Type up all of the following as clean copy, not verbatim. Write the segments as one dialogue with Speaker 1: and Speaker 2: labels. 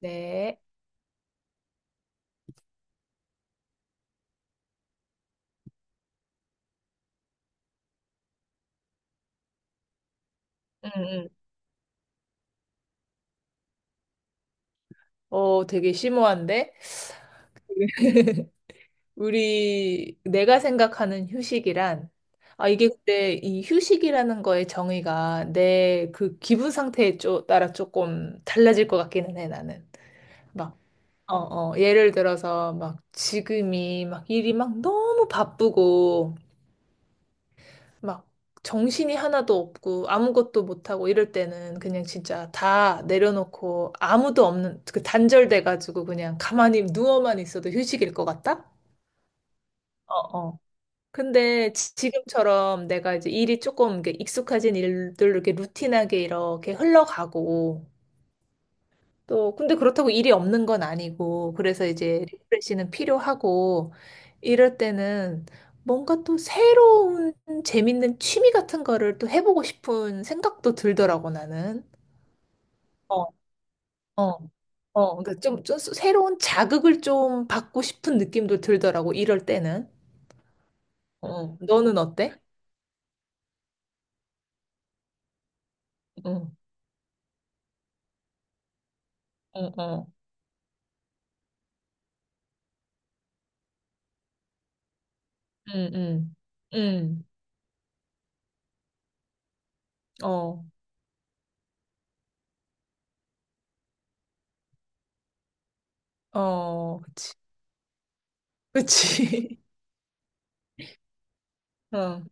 Speaker 1: 네. 응, 응. 어, 되게 심오한데? 내가 생각하는 휴식이란, 아, 이게 근데 이 휴식이라는 거의 정의가 내 그 기분 상태에 따라 조금 달라질 것 같기는 해, 나는. 막, 어, 어, 예를 들어서 막 지금이 막 일이 막 너무 바쁘고, 막 정신이 하나도 없고 아무것도 못하고 이럴 때는 그냥 진짜 다 내려놓고 아무도 없는 그 단절돼가지고 그냥 가만히 누워만 있어도 휴식일 것 같다? 어, 어. 근데 지금처럼 내가 이제 일이 조금 이렇게 익숙해진 일들 이렇게 루틴하게 이렇게 흘러가고 또, 근데 그렇다고 일이 없는 건 아니고, 그래서 이제 리프레시는 필요하고, 이럴 때는 뭔가 또 새로운 재밌는 취미 같은 거를 또 해보고 싶은 생각도 들더라고, 나는. 어, 어, 어. 그러니까 좀 새로운 자극을 좀 받고 싶은 느낌도 들더라고, 이럴 때는. 어, 너는 어때? 응, 응, 어, 응, 응, 응, 어, 어, 그치. 그치. 응,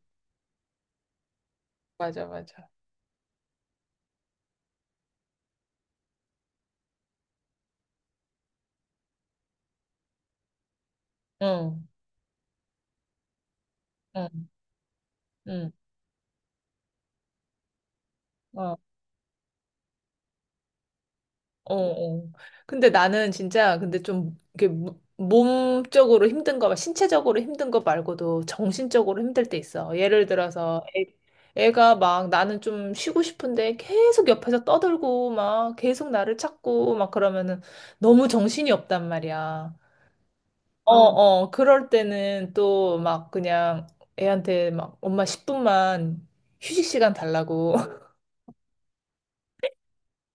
Speaker 1: 맞아, 맞아. 응, 응. 응. 어, 어, 어. 근데 나는 진짜 근데 좀 이게 몸적으로 힘든 거, 신체적으로 힘든 거 말고도 정신적으로 힘들 때 있어. 예를 들어서 애가 막 나는 좀 쉬고 싶은데 계속 옆에서 떠들고 막 계속 나를 찾고 막 그러면은 너무 정신이 없단 말이야. 어, 어, 어. 그럴 때는 또 막 그냥 애한테 막 엄마 10분만 휴식 시간 달라고.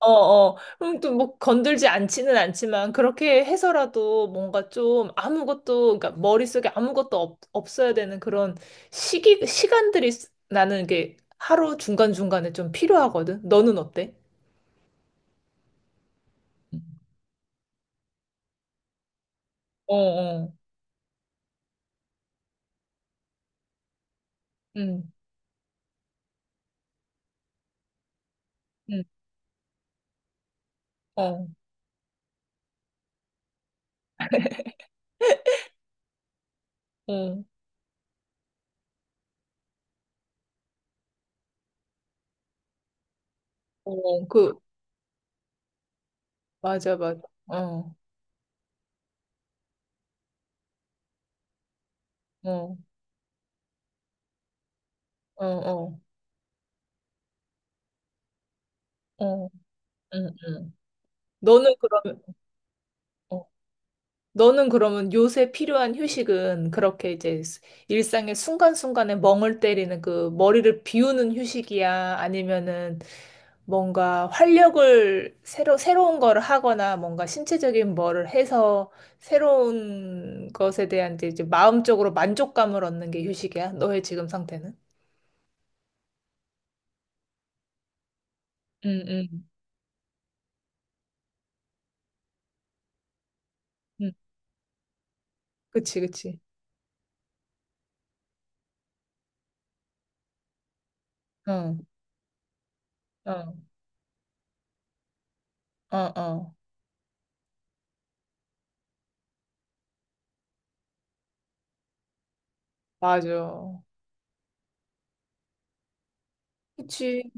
Speaker 1: 어, 어. 그럼 또 뭐 건들지 않지는 않지만 그렇게 해서라도 뭔가 좀 아무것도 그러니까 머릿속에 아무것도 없, 없어야 되는 그런 시기 시간들이 나는 이게 하루 중간중간에 좀 필요하거든. 너는 어때? 어, 어. 응. 응. 어. 어. 어. 그 맞아, 맞아. 어. 어. 어. 어. 어. 응. 응. 너는 그러면 너는 그러면 요새 필요한 휴식은 그렇게 이제 일상의 순간순간에 멍을 때리는 그 머리를 비우는 휴식이야? 아니면은 뭔가 활력을 새로운 거를 하거나 뭔가 신체적인 뭐를 해서 새로운 것에 대한 이제 마음적으로 만족감을 얻는 게 휴식이야? 너의 지금 상태는? 응, 응, 응. 그치, 그치. 어, 어, 어, 어. 맞아. 그치.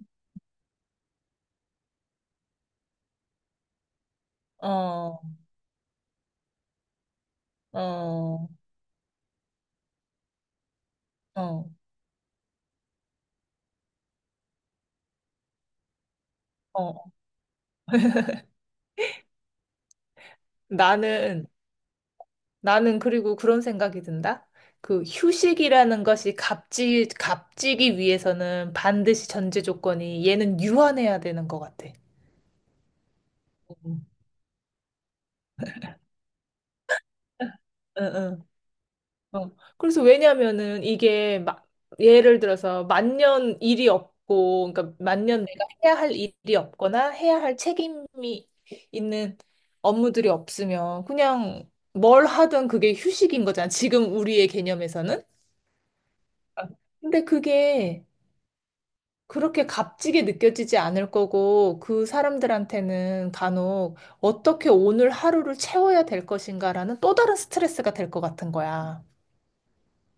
Speaker 1: 어, 어, 어, 어, 어. 나는, 나는 그리고 그런 생각이 든다. 그 휴식이라는 것이 값지기 위해서는 반드시 전제 조건이 얘는 유한해야 되는 것 같아. 응, 응. 어. 그래서 왜냐면은 이게 막 예를 들어서 만년 일이 없고, 그러니까 만년 내가 해야 할 일이 없거나 해야 할 책임이 있는 업무들이 없으면 그냥 뭘 하든 그게 휴식인 거잖아. 지금 우리의 개념에서는. 근데 그게 그렇게 값지게 느껴지지 않을 거고, 그 사람들한테는 간혹 어떻게 오늘 하루를 채워야 될 것인가라는 또 다른 스트레스가 될 것 같은 거야.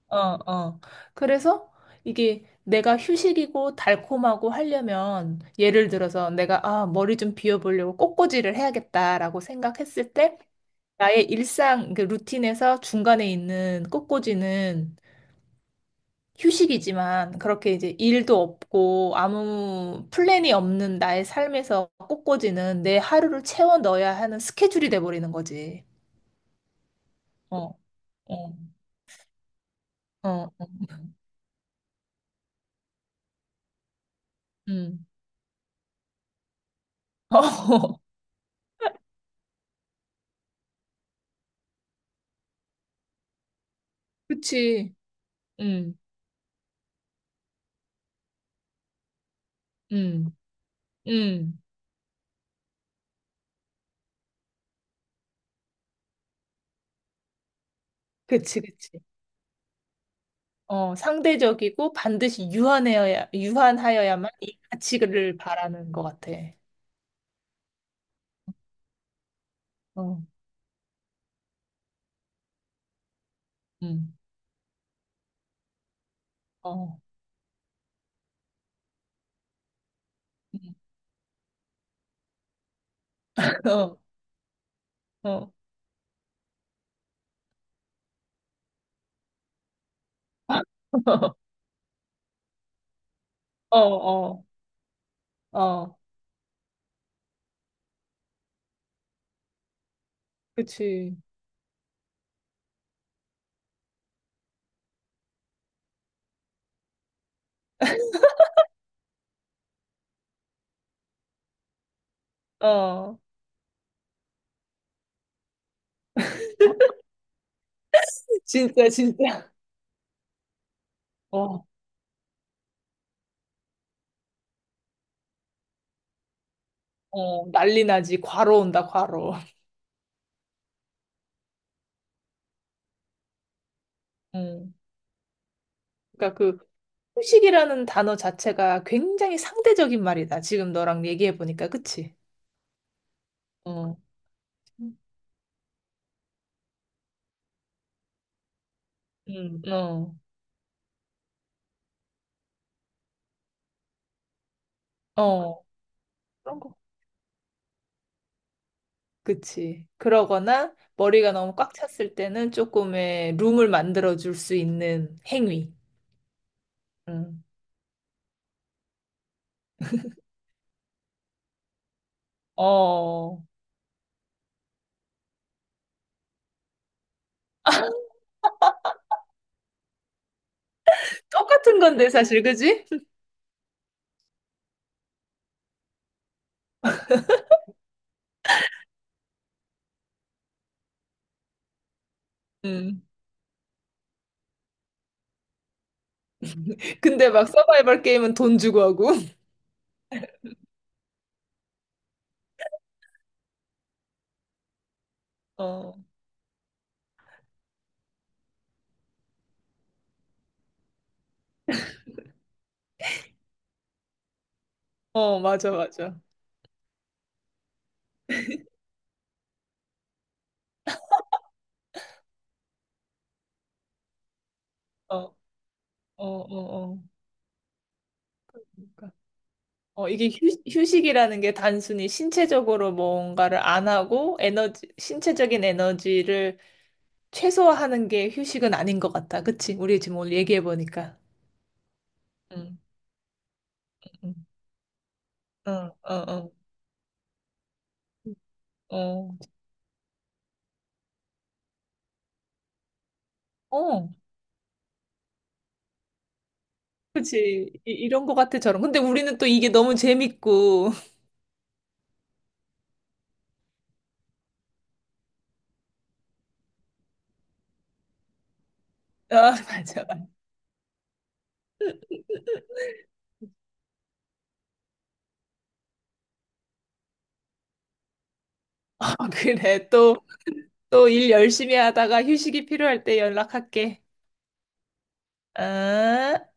Speaker 1: 어, 어. 그래서 이게 내가 휴식이고 달콤하고 하려면, 예를 들어서 내가, 아, 머리 좀 비워보려고 꽃꽂이를 해야겠다라고 생각했을 때, 나의 일상, 그 루틴에서 중간에 있는 꽃꽂이는 휴식이지만 그렇게 이제 일도 없고 아무 플랜이 없는 나의 삶에서 꽂꽂이는 내 하루를 채워 넣어야 하는 스케줄이 돼버리는 거지. 어, 어, 어, 어, 음. 어, 그치. 음, 음, 음. 그치, 그치. 어, 상대적이고 반드시 유한하여야만 이 가치를 바라는 것 같아. 어, 음, 어, 음. 어, 어, 어, 어, 어, 그치. 어, 진짜, 진짜. 어, 어, 난리 나지. 과로 온다, 과로. 음. 그러니까 그 후식이라는 단어 자체가 굉장히 상대적인 말이다. 지금 너랑 얘기해 보니까, 그치? 어, 어, 어, 그런 거. 그치. 그러거나 머리가 너무 꽉 찼을 때는 조금의 룸을 만들어 줄 수 있는 행위. 음. 어, 똑같은 건데, 사실, 그지? 음. 근데 막 서바이벌 게임은 돈 주고 하고. 어. 어, 맞아, 맞아. 어, 어, 어, 어. 그러니까, 어, 이게 휴식이라는 게 단순히 신체적으로 뭔가를 안 하고 에너지, 신체적인 에너지를 최소화하는 게 휴식은 아닌 것 같다. 그치? 우리 지금 오늘 얘기해 보니까. 응, 응, 응, 어, 어, 어. 어, 그치. 이런 것 같아, 저런. 근데 우리는 또 이게 너무 재밌고. 아, 맞아. 아, 그래. 또 일 열심히 하다가 휴식이 필요할 때 연락할게. 아.